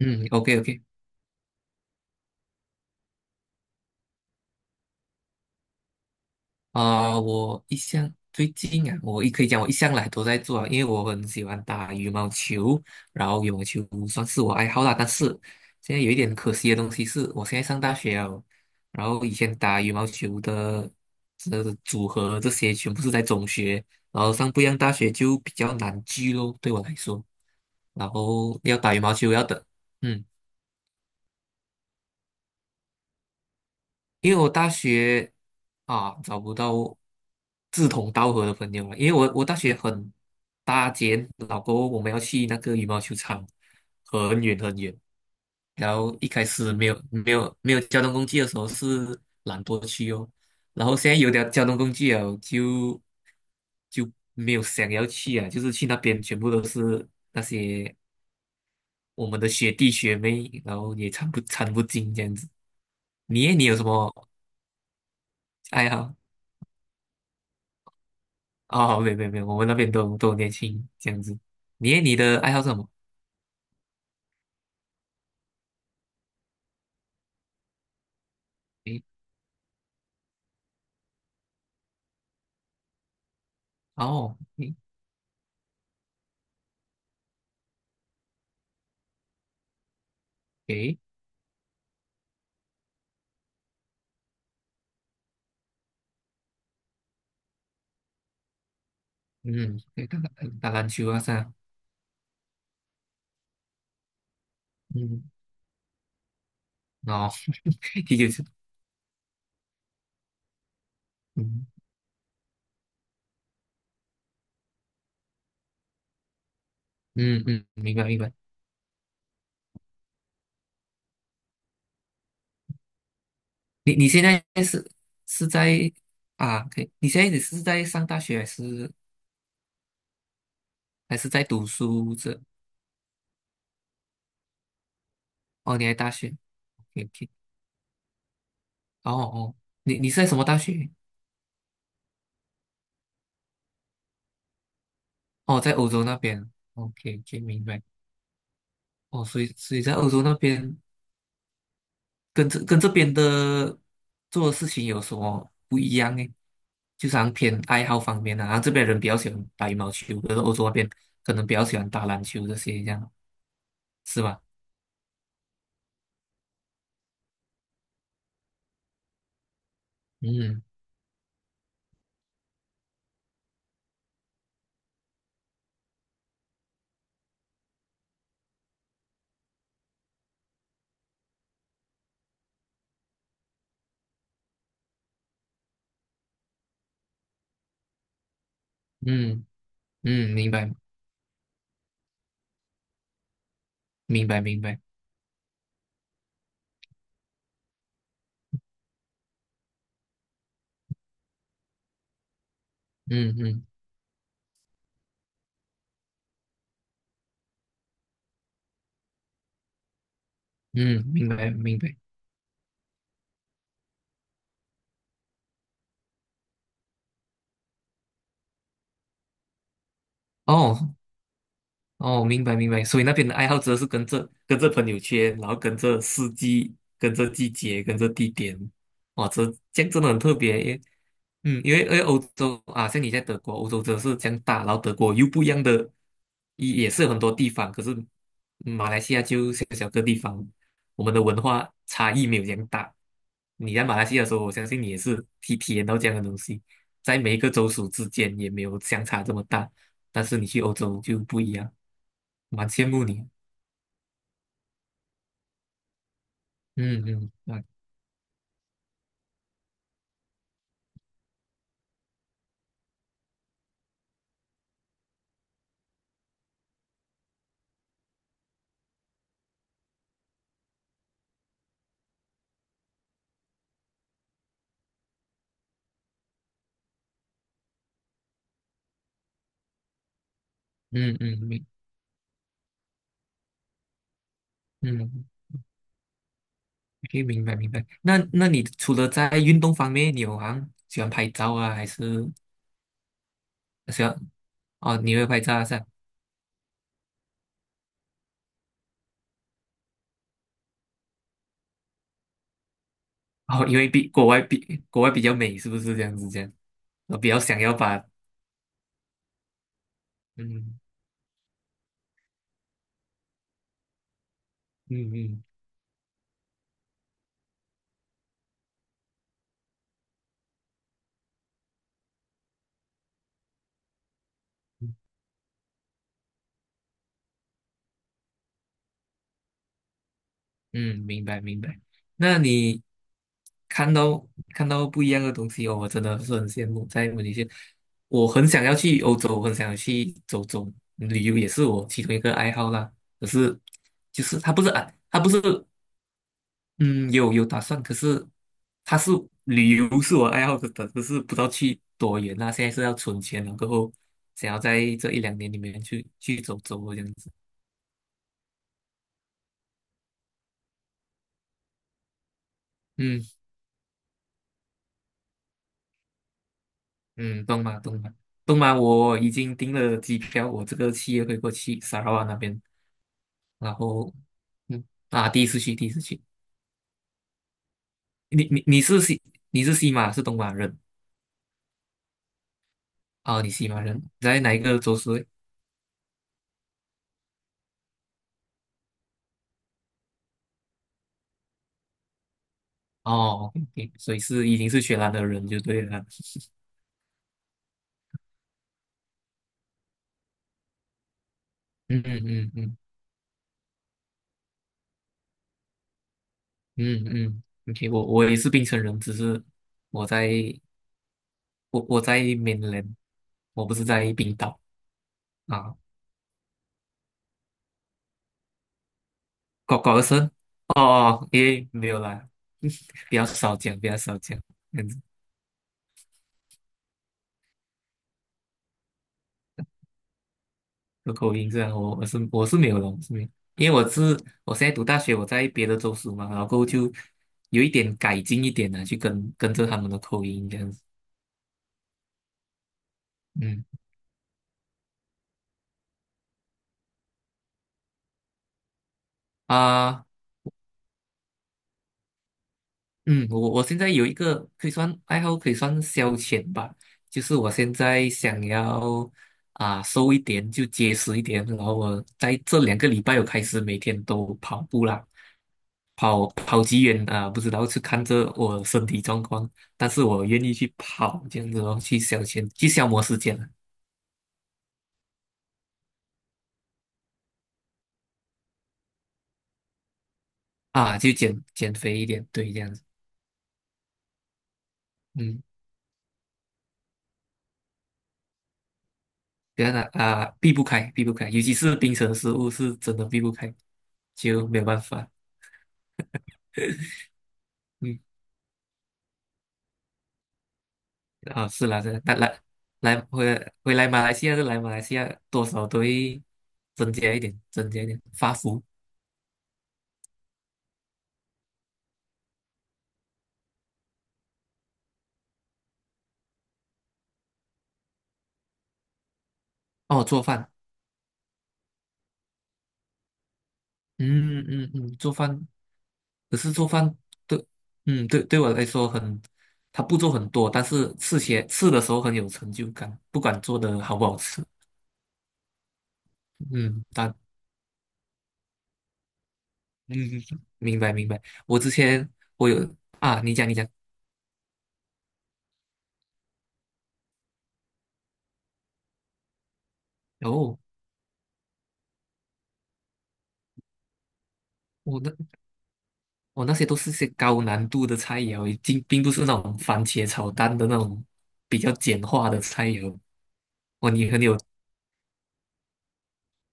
嗯，OK OK，啊、我一向最近啊，我也可以讲我一向来都在做啊，因为我很喜欢打羽毛球，然后羽毛球算是我爱好啦。但是现在有一点可惜的东西是，我现在上大学了，然后以前打羽毛球的这组合这些全部是在中学，然后上不一样大学就比较难聚咯，对我来说，然后要打羽毛球要等，嗯。因为我大学啊找不到志同道合的朋友了，因为我大学很搭肩，老后我们要去那个羽毛球场，很远很远。然后一开始没有交通工具的时候是懒惰去哦，然后现在有点交通工具了，就没有想要去啊，就是去那边全部都是那些我们的学弟学妹，然后也参不进这样子。你有什么爱好？哦，没有没有没有，我们那边都年轻这样子。你的爱好是什么？诶，哦，诶诶，嗯，诶打篮球啊，是啊，嗯，哦，踢球是，嗯嗯嗯，明白明白。你现在是在啊？可以，你现在你是在上大学还是在读书这？哦，你在大学，OK k 哦哦，你是在什么大学？哦，在欧洲那边，OK OK，明白。哦，所以在欧洲那边。跟这跟这边的做的事情有什么不一样呢？就是好像偏爱好方面啊，然后这边人比较喜欢打羽毛球，可是欧洲那边可能比较喜欢打篮球这些，这样是吧？嗯嗯嗯，明白明白明白，嗯嗯嗯，明白明白。哦哦，明白明白。所以那边的爱好者是跟着朋友圈，然后跟着四季，跟着季节，跟着地点。哇，这样真的很特别耶。嗯，因为欧洲啊，像你在德国，欧洲真的是这样大，然后德国又不一样的，也是有很多地方，可是马来西亚就小小个地方，我们的文化差异没有这样大。你在马来西亚的时候，我相信你也是体验到这样的东西，在每一个州属之间也没有相差这么大，但是你去欧洲就不一样，蛮羡慕你。嗯嗯啊嗯嗯嗯明嗯可以明白明白。那你除了在运动方面，你有好像喜欢拍照啊，还是喜欢哦？你会拍照啊是吧？哦，因为比国外比较美，是不是这样子？这样，我比较想要把嗯嗯嗯嗯，嗯明白明白。那你看到看到不一样的东西哦，我真的是很羡慕。在马来西亚我很想要去欧洲，我很想要去走走，旅游也是我其中一个爱好啦。可是就是他不是啊，他不是。嗯，有打算，可是他是旅游是我爱好的，可是不知道去多远啊。现在是要存钱了，过后想要在这一两年里面去走走这样子。嗯嗯，东马东马东马，我已经订了机票，我这个七月会过去砂拉越那边，然后嗯第一次去第一次去。你你你是西你是西马是东马人啊、你西马人在哪一个州市？哦，OK，所以是已经是雪兰的人就对了。嗯嗯嗯嗯。嗯嗯，OK，我也是槟城人，只是我在我在 mainland，我不是在冰岛啊。搞搞的声哦，哦，诶，没有啦，比较少讲，比较少讲，这样子有口音这样，我是没有的，我是没有，因为我现在读大学，我在别的州属嘛，然后过后就有一点改进一点呢、去跟着他们的口音这样子，嗯啊。嗯，我现在有一个可以算爱好，可以算消遣吧，就是我现在想要啊瘦一点，就结实一点，然后我在这两个礼拜我开始每天都跑步啦，跑跑几远啊，不知道是看着我身体状况，但是我愿意去跑这样子哦，去消遣，去消磨时间啊，就减减肥一点，对，这样子，嗯，这样的啊，避不开，避不开，尤其是冰城食物是真的避不开，就没有办法。嗯。啊，是啦，是啦，但来来回回来马来西亚就来马来西亚，多少都会增加一点，增加一点发福哦，做饭，嗯嗯嗯，做饭，可是做饭对，嗯对对我来说很，它步骤很多，但是吃起来吃的时候很有成就感，不管做的好不好吃，嗯，但嗯明白明白，我之前我有啊，你讲你讲，哦，我那哦，那些都是些高难度的菜肴，并不是那种番茄炒蛋的那种比较简化的菜肴。哦，你很有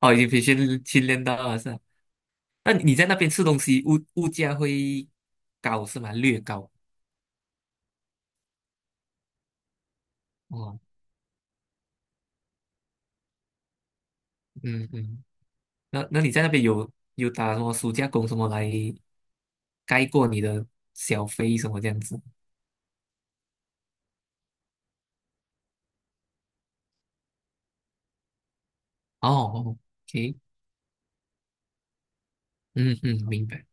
哦，已经训练到了是吧？那你在那边吃东西，物价会高是吗？略高哦，嗯嗯。那你在那边有打什么暑假工什么来盖过你的小费什么这样子？哦，OK，嗯嗯，明白。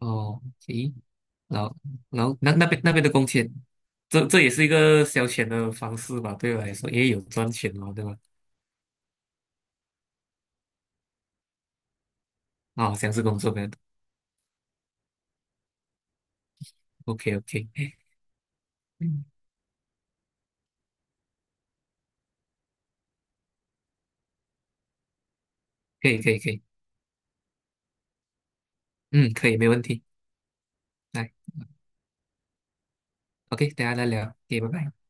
哦，OK。然后那边的工钱，这也是一个消遣的方式吧，对我来说，也有赚钱嘛，对吧？啊、像是工作多。OK OK，嗯，可以可以可以，嗯，可以没问题，来，OK，等一下再聊，OK，拜拜。